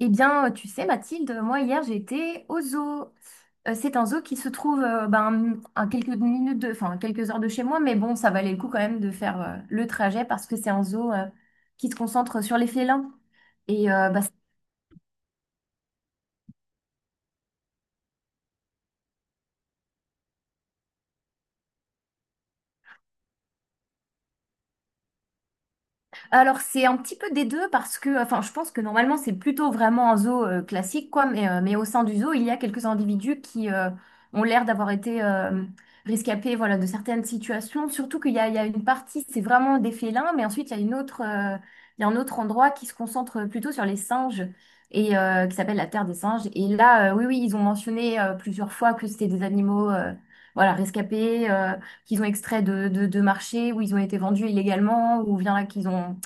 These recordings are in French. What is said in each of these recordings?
Eh bien, tu sais, Mathilde, moi hier j'étais au zoo. C'est un zoo qui se trouve ben, à quelques minutes de, enfin, à quelques heures de chez moi, mais bon, ça valait le coup quand même de faire le trajet parce que c'est un zoo qui se concentre sur les félins. Et euh, bah, Alors c'est un petit peu des deux parce que, enfin, je pense que normalement c'est plutôt vraiment un zoo classique, quoi. Mais au sein du zoo, il y a quelques individus qui ont l'air d'avoir été rescapés, voilà, de certaines situations. Surtout qu'il y a une partie, c'est vraiment des félins, mais ensuite il y a une autre, il y a un autre endroit qui se concentre plutôt sur les singes et qui s'appelle la Terre des singes. Et là, oui, oui, ils ont mentionné plusieurs fois que c'était des animaux, voilà, rescapés. Qu'ils ont extrait de marché, où ils ont été vendus illégalement, ou bien là qu'ils ont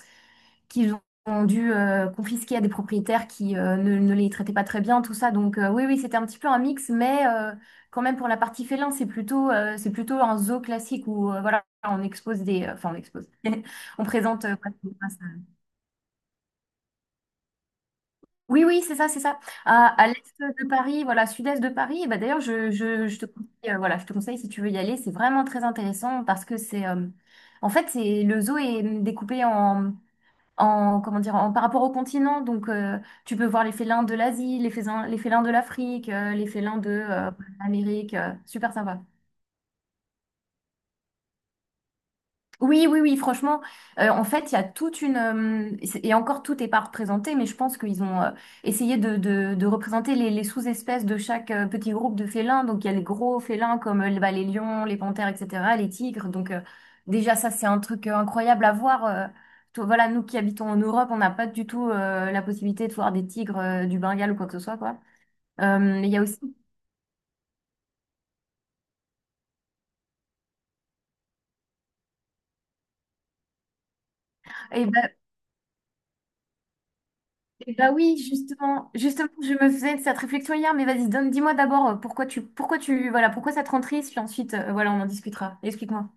qu'ils ont dû confisquer à des propriétaires qui ne, ne les traitaient pas très bien, tout ça. Donc oui, oui, c'était un petit peu un mix, mais quand même pour la partie félin, c'est plutôt un zoo classique où voilà, on expose des... Enfin, on expose. On présente... quoi, c'est pas ça. Oui, oui, c'est ça, c'est ça. À l'est de Paris, voilà, sud-est de Paris, et bah, d'ailleurs, je te conseille, voilà, je te conseille si tu veux y aller, c'est vraiment très intéressant parce que c'est... en fait, c'est le zoo est découpé en comment dire, en, par rapport au continent. Donc, tu peux voir les félins de l'Asie, les félins de l'Afrique, les félins de l'Amérique. Super sympa. Oui, oui, oui, franchement, en fait, il y a toute une... et encore, tout n'est pas représenté, mais je pense qu'ils ont essayé de, de représenter les sous-espèces de chaque petit groupe de félins. Donc, il y a les gros félins comme les lions, les panthères, etc., les tigres. Donc, déjà, ça, c'est un truc incroyable à voir. Toi, voilà, nous qui habitons en Europe, on n'a pas du tout la possibilité de voir des tigres du Bengale ou quoi que ce soit, quoi. Mais il y a aussi... Bah oui, justement, justement, je me faisais cette réflexion hier, mais vas-y, donne, dis-moi d'abord pourquoi tu, voilà, pourquoi ça te rend triste, puis ensuite, voilà, on en discutera. Explique-moi.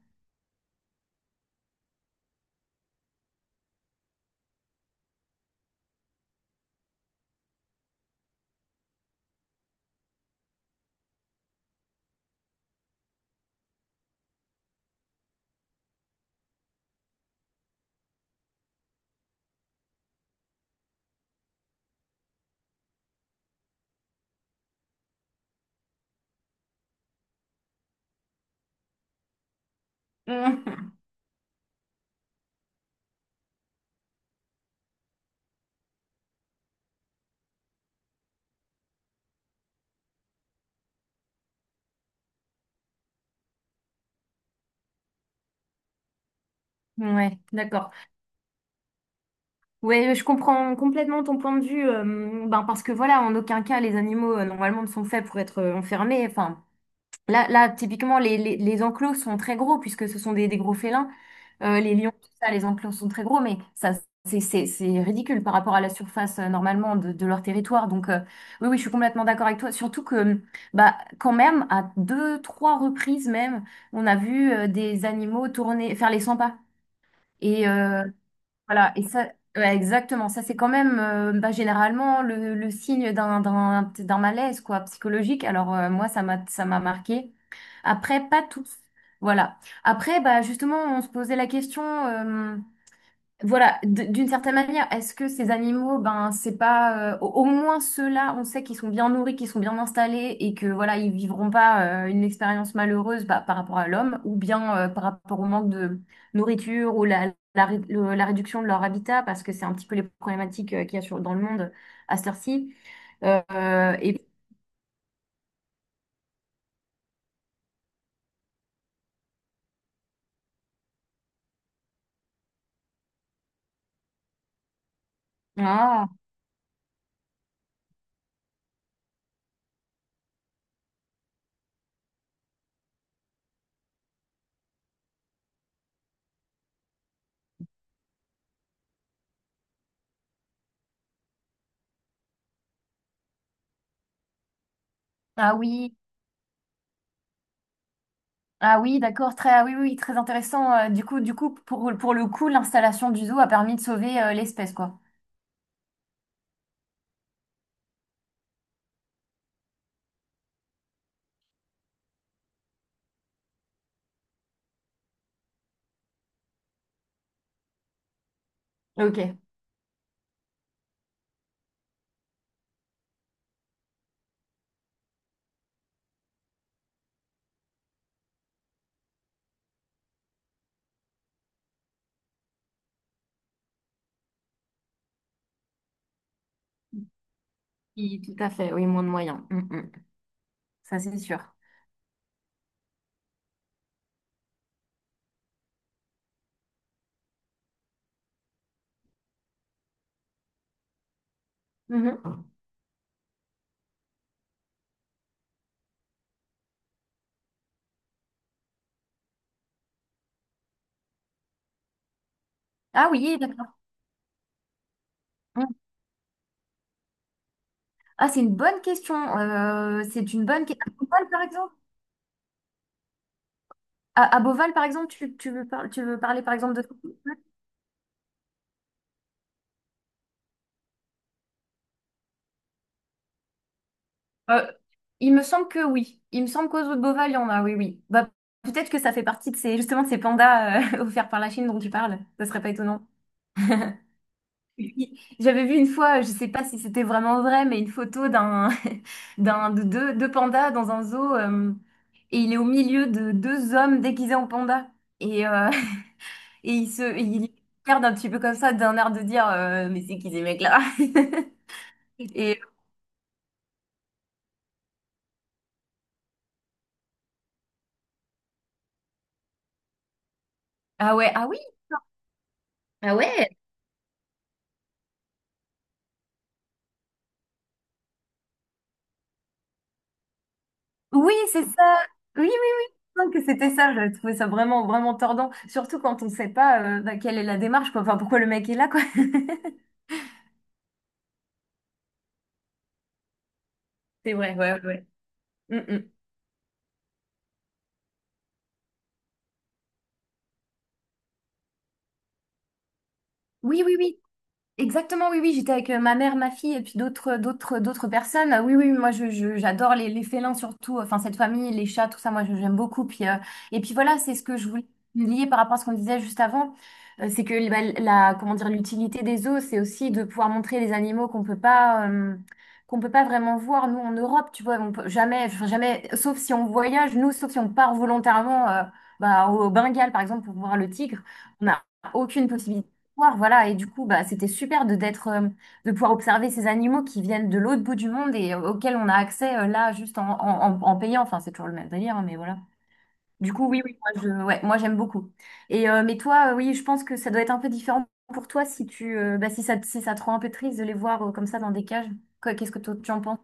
Mm. Ouais, d'accord. Ouais, je comprends complètement ton point de vue. Ben parce que voilà, en aucun cas, les animaux normalement ne sont faits pour être enfermés. Enfin, là, là, typiquement, les enclos sont très gros puisque ce sont des gros félins. Les lions, tout ça, les enclos sont très gros, mais ça, c'est ridicule par rapport à la surface normalement de leur territoire. Donc, oui, oui, je suis complètement d'accord avec toi. Surtout que, bah, quand même, à deux, trois reprises même, on a vu des animaux tourner, faire les 100 pas. Et euh, voilà, et ça, ouais, exactement, ça, c'est quand même bah, généralement le signe d'un malaise quoi, psychologique. Alors, moi, ça m'a marqué. Après, pas toutes. Voilà. Après, bah, justement, on se posait la question, voilà, d'une certaine manière, est-ce que ces animaux, ben, c'est pas, au moins ceux-là, on sait qu'ils sont bien nourris, qu'ils sont bien installés et que, voilà, ils vivront pas, une expérience malheureuse, bah, par rapport à l'homme ou bien, par rapport au manque de nourriture ou la, la réduction de leur habitat parce que c'est un petit peu les problématiques, qu'il y a sur, dans le monde à cette heure-ci. Euh, et, ah, ah oui. Ah oui, d'accord, très, ah oui, oui, très intéressant. Du coup, du coup, pour le coup, l'installation du zoo a permis de sauver l'espèce, quoi. Ok, oui, tout à fait, oui, moins de moyens. Mm, mm. Ça, c'est sûr. Mhm. Ah oui, d'accord. Mm. Ah, c'est une bonne question. C'est une bonne question. À Beauval, par exemple? À Beauval, par exemple, tu veux tu veux parler, par exemple, de... Euh, il me semble que oui. Il me semble qu'aux zoo de Beauval, il y en a, oui, oui. Bah, peut-être que ça fait partie de ces, justement, de ces pandas offerts par la Chine dont tu parles. Ça serait pas étonnant. Oui. J'avais vu une fois, je sais pas si c'était vraiment vrai, mais une photo d'un, d'un, de deux, deux pandas dans un zoo, et il est au milieu de deux hommes déguisés en panda. Et, et il se, et il regarde un petit peu comme ça, d'un air de dire, mais c'est qui ces mecs-là? Et, ah ouais, ah oui, ah ouais? Oui, c'est ça. Oui, oui, oui. Je pense que c'était ça, j'avais trouvé ça vraiment, vraiment tordant. Surtout quand on sait pas bah, quelle est la démarche, quoi. Enfin, pourquoi le mec est là, quoi. C'est vrai, ouais, ouais. Mm, mm. Oui, oui, oui. Exactement, oui, oui, j'étais avec ma mère, ma fille et puis d'autres, d'autres, d'autres personnes. Oui, oui, moi, j'adore les félins surtout, enfin, cette famille, les chats, tout ça, moi, j'aime beaucoup. Puis, et puis voilà, c'est ce que je voulais lier par rapport à ce qu'on disait juste avant. C'est que bah, la, comment dire, l'utilité des zoos, c'est aussi de pouvoir montrer les animaux qu'on peut pas vraiment voir, nous, en Europe, tu vois, on peut jamais, enfin, jamais, sauf si on voyage, nous, sauf si on part volontairement, bah, au Bengale, par exemple, pour voir le tigre. On a aucune possibilité voir, voilà, et du coup, bah, c'était super de d'être, de pouvoir observer ces animaux qui viennent de l'autre bout du monde et auxquels on a accès là juste en, en, en payant. Enfin, c'est toujours le même délire, hein, mais voilà. Du coup, oui, oui, moi, je, ouais, moi j'aime beaucoup. Mais toi, oui, je pense que ça doit être un peu différent pour toi si tu, bah, si ça, si ça te rend un peu triste de les voir comme ça dans des cages. Quoi, qu'est-ce que toi, tu en penses?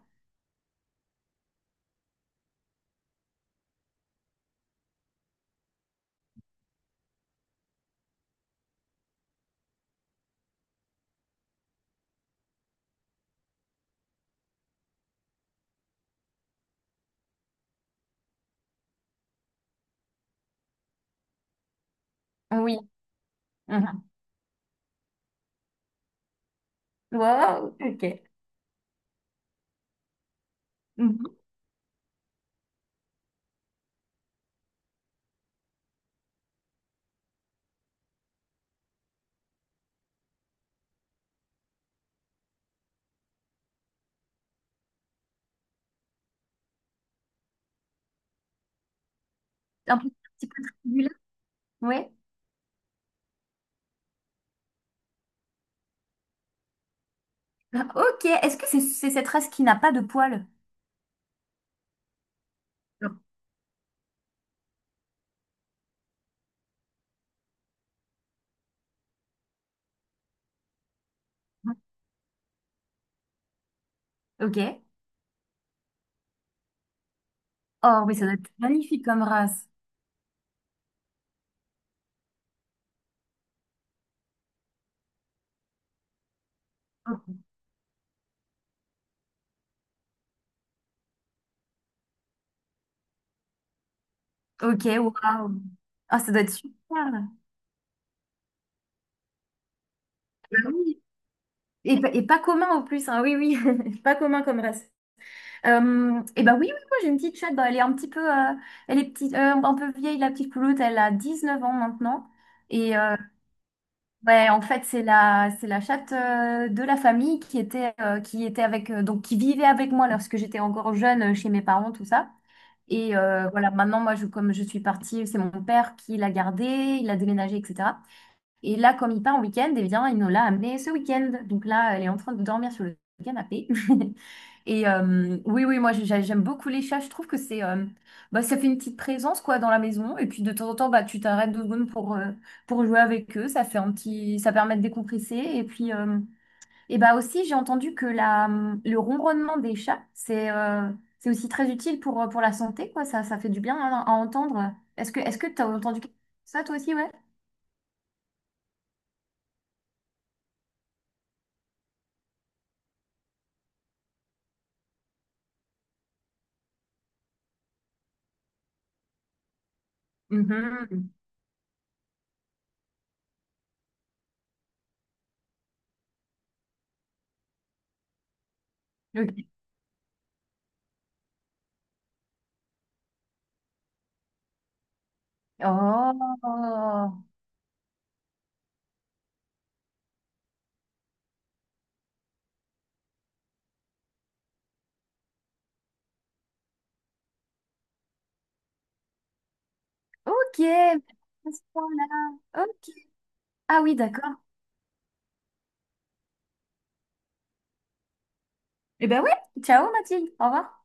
Oui. Mhm. Wow, ok. Mhm. Un petit peu triangulaire. Ouais. Ah, ok. Est-ce que c'est cette race qui n'a pas de poils? Non. Ok. Oh, oui, ça doit être magnifique comme race. Ok, waouh. Ah, ça doit être super. Bah oui. Et, et pas commun en plus, hein. Oui, oui, pas commun comme race. Et bah oui, oui, moi j'ai une petite chatte, bah, elle est un petit peu, elle est petite, un peu vieille, la petite pouloute, elle a 19 ans maintenant. Et ouais, en fait, c'est la chatte de la famille qui était avec, donc qui vivait avec moi lorsque j'étais encore jeune chez mes parents, tout ça. Et voilà, maintenant, moi, je, comme je suis partie, c'est mon père qui l'a gardée, il a déménagé, etc. Et là, comme il part en week-end, eh bien, il nous l'a amenée ce week-end. Donc là, elle est en train de dormir sur le canapé. Et oui, oui, moi j'aime beaucoup les chats. Je trouve que c'est, bah, ça fait une petite présence quoi dans la maison. Et puis de temps en temps, bah tu t'arrêtes 2 secondes pour jouer avec eux. Ça fait un petit, ça permet de décompresser. Et puis et bah aussi j'ai entendu que la le ronronnement des chats c'est aussi très utile pour la santé quoi. Ça ça fait du bien hein, à entendre. Est-ce que t'as entendu ça toi aussi ouais? Mhm. Ok. Oh ok. À ce point-là. Ok. Ah oui, d'accord. Eh ben ouais, ciao Mathilde, au revoir.